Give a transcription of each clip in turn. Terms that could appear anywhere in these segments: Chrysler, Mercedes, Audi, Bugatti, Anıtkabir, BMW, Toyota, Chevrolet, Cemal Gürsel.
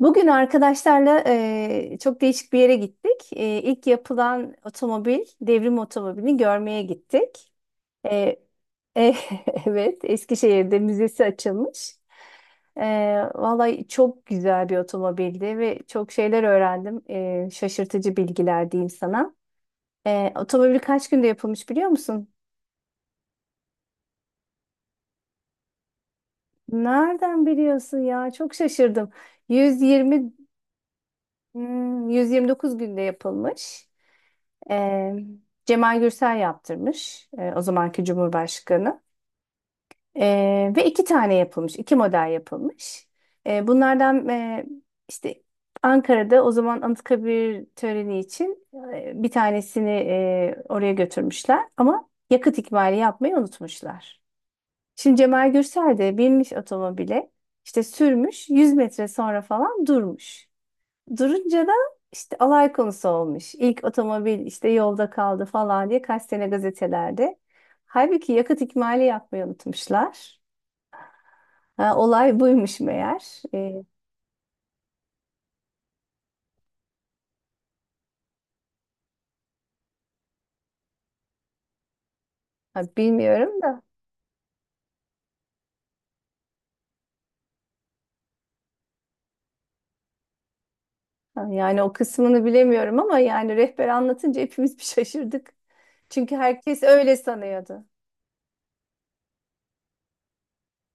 Bugün arkadaşlarla çok değişik bir yere gittik. İlk yapılan otomobil, devrim otomobilini görmeye gittik. Eee, e- evet, Eskişehir'de müzesi açılmış. Vallahi çok güzel bir otomobildi ve çok şeyler öğrendim. Şaşırtıcı bilgiler diyeyim sana. Otomobil kaç günde yapılmış biliyor musun? Nereden biliyorsun ya? Çok şaşırdım. 120, 129 günde yapılmış. Ee, Cemal Gürsel yaptırmış, o zamanki Cumhurbaşkanı. Ve iki tane yapılmış, iki model yapılmış. Bunlardan işte Ankara'da o zaman Anıtkabir töreni için bir tanesini oraya götürmüşler ama yakıt ikmali yapmayı unutmuşlar. Şimdi Cemal Gürsel de binmiş otomobile, işte sürmüş, 100 metre sonra falan durmuş. Durunca da işte alay konusu olmuş. İlk otomobil işte yolda kaldı falan diye kaç sene gazetelerde. Halbuki yakıt ikmali yapmayı unutmuşlar. Ha, olay buymuş meğer. Ha, bilmiyorum da. Ha, yani o kısmını bilemiyorum ama yani rehber anlatınca hepimiz bir şaşırdık. Çünkü herkes öyle sanıyordu.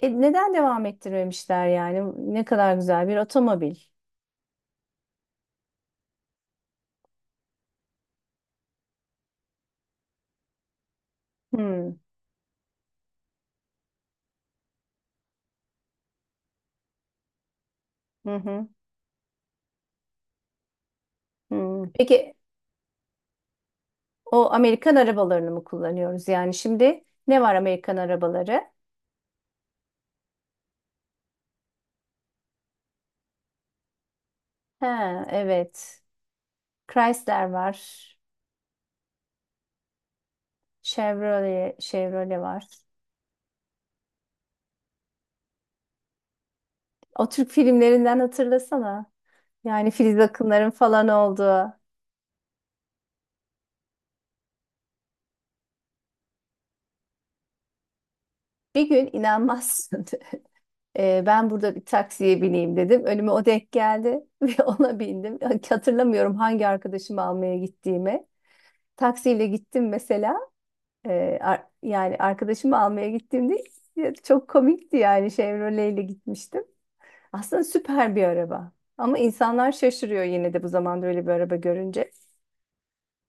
Neden devam ettirmemişler yani? Ne kadar güzel bir otomobil. Hmm. Hı hı. Hı. Peki, o Amerikan arabalarını mı kullanıyoruz? Yani şimdi ne var Amerikan arabaları? He, evet. Chrysler var. Chevrolet, Chevrolet var. O Türk filmlerinden hatırlasana. Yani Filiz Akınların falan olduğu. Bir gün inanmazsın. Ben burada bir taksiye bineyim dedim. Önüme o denk geldi ve ona bindim. Hatırlamıyorum hangi arkadaşımı almaya gittiğimi. Taksiyle gittim mesela. Yani arkadaşımı almaya gittiğimde ya çok komikti yani Chevrolet ile gitmiştim. Aslında süper bir araba. Ama insanlar şaşırıyor yine de bu zamanda öyle bir araba görünce.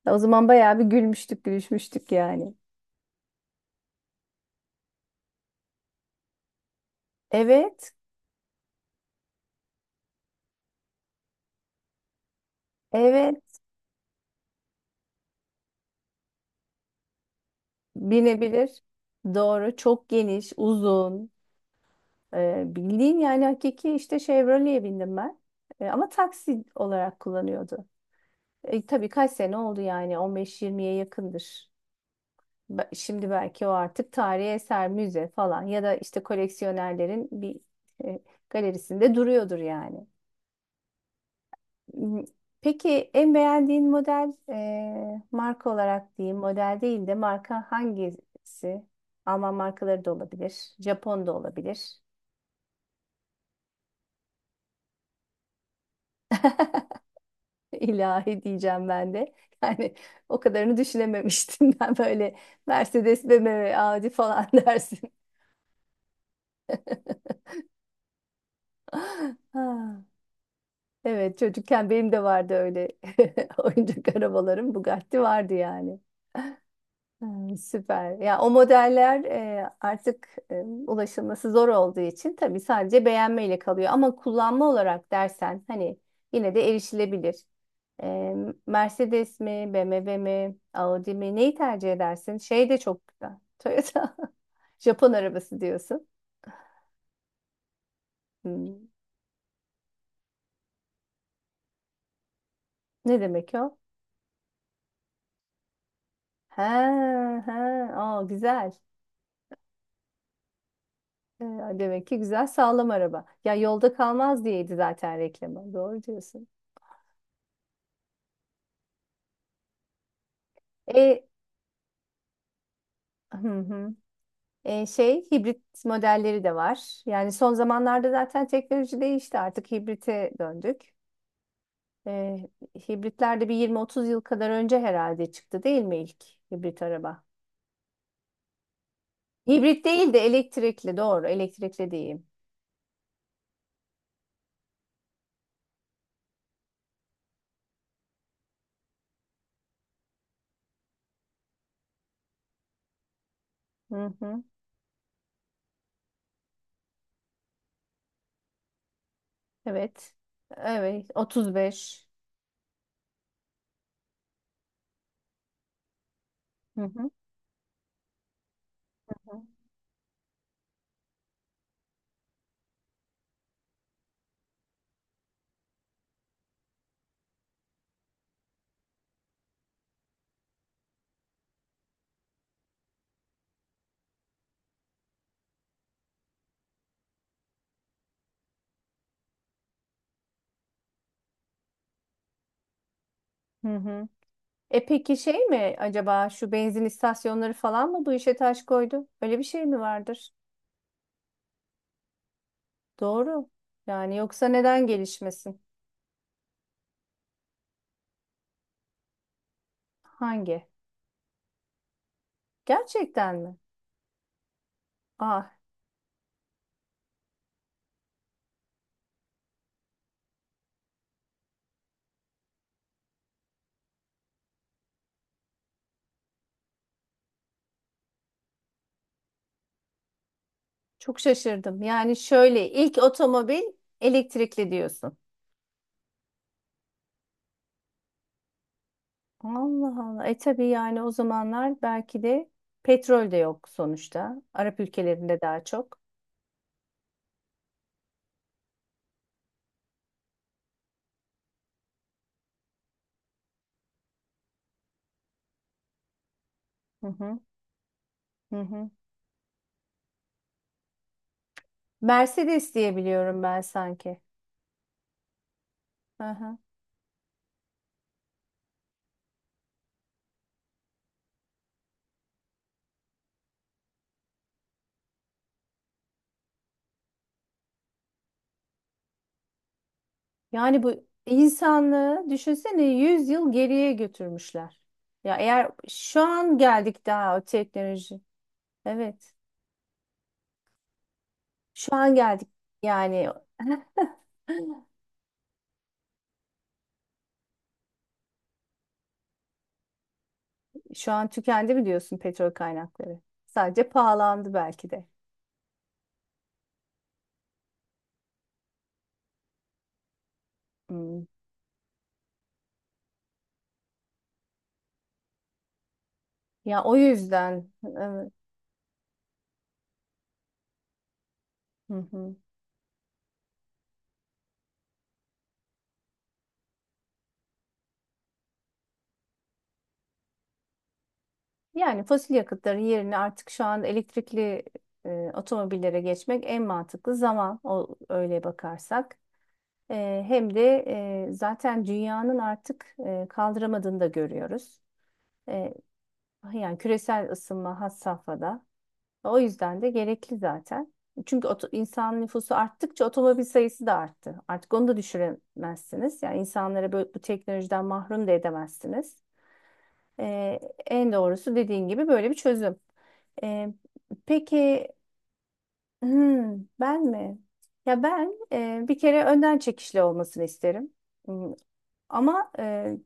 O zaman bayağı bir gülmüştük, gülüşmüştük yani. Evet, evet binebilir. Doğru, çok geniş, uzun. Bildiğin yani hakiki işte Chevrolet'e bindim ben. Ama taksi olarak kullanıyordu. Tabii kaç sene oldu yani 15-20'ye yakındır. Şimdi belki o artık tarihi eser, müze falan ya da işte koleksiyonerlerin bir e, galerisinde duruyordur yani. M- Peki en beğendiğin model marka olarak diyeyim, model değil de marka hangisi? Alman markaları da olabilir, Japon da olabilir. İlahi diyeceğim ben de. Yani o kadarını düşünememiştim ben böyle Mercedes, BMW, Audi falan dersin. Ha. Evet çocukken benim de vardı öyle oyuncak arabalarım. Bugatti vardı yani. Hmm, süper. Ya o modeller artık ulaşılması zor olduğu için tabii sadece beğenmeyle kalıyor. Ama kullanma olarak dersen hani yine de erişilebilir. E, Mercedes mi, BMW mi, Audi mi neyi tercih edersin? Şey de çok güzel. Toyota. Japon arabası diyorsun. Hmm. Ne demek o? Ha ha. Aa, güzel. Ee, Demek ki güzel sağlam araba. Ya yolda kalmaz diyeydi zaten reklamı. Doğru diyorsun. E, hı hı. Şey hibrit modelleri de var. Yani son zamanlarda zaten teknoloji değişti. Artık hibrite döndük. E, Hibritler de bir 20-30 yıl kadar önce herhalde çıktı değil mi ilk hibrit araba? Hibrit değil de elektrikli doğru. Elektrikli diyeyim. Hı hı. Evet. Evet. 35. Hı hı. Hı hı. Peki şey mi acaba şu benzin istasyonları falan mı bu işe taş koydu? Öyle bir şey mi vardır? Doğru. Yani yoksa neden gelişmesin? Hangi? Gerçekten mi? Ah çok şaşırdım. Yani şöyle ilk otomobil elektrikli diyorsun. Allah Allah. Tabii yani o zamanlar belki de petrol de yok sonuçta. Arap ülkelerinde daha çok. Hı hı, hı hı. Mercedes diyebiliyorum ben sanki. Hı hı. Yani bu insanlığı düşünsene 100 yıl geriye götürmüşler. Ya eğer şu an geldik daha o teknoloji. Evet. Şu an geldik. Yani şu an tükendi mi diyorsun petrol kaynakları? Sadece pahalandı belki de. Hmm. Ya o yüzden evet. Hı hı. Yani fosil yakıtların yerine artık şu an elektrikli otomobillere geçmek en mantıklı zaman o öyle bakarsak. Hem de zaten dünyanın artık kaldıramadığını da görüyoruz. Eee, Yani küresel ısınma has safhada. O yüzden de gerekli zaten. Çünkü insan nüfusu arttıkça otomobil sayısı da arttı. Artık onu da düşüremezsiniz. Yani insanlara böyle bu teknolojiden mahrum da edemezsiniz. Eee, En doğrusu dediğin gibi böyle bir çözüm. Eee, peki. Hmm, ben mi? Ya ben bir kere önden çekişli olmasını isterim. Hmm. Ama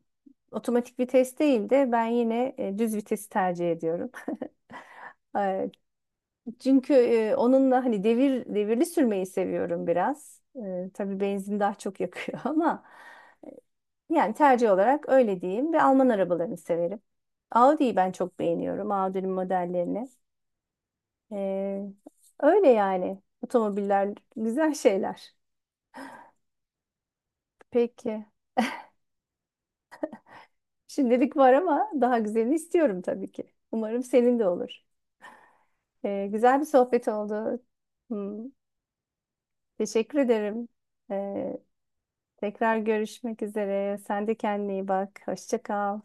otomatik vites değil de ben yine düz vitesi tercih ediyorum. E, Çünkü onunla hani devir devirli sürmeyi seviyorum biraz. Tabii benzin daha çok yakıyor ama yani tercih olarak öyle diyeyim ve Alman arabalarını severim. Audi'yi ben çok beğeniyorum. Audi'nin modellerini. E, Öyle yani. Otomobiller güzel şeyler. Peki. Şimdilik var ama daha güzelini istiyorum tabii ki. Umarım senin de olur. Güzel bir sohbet oldu. Hmm, teşekkür ederim. Ee, Tekrar görüşmek üzere. Sen de kendine iyi bak. Hoşça kal.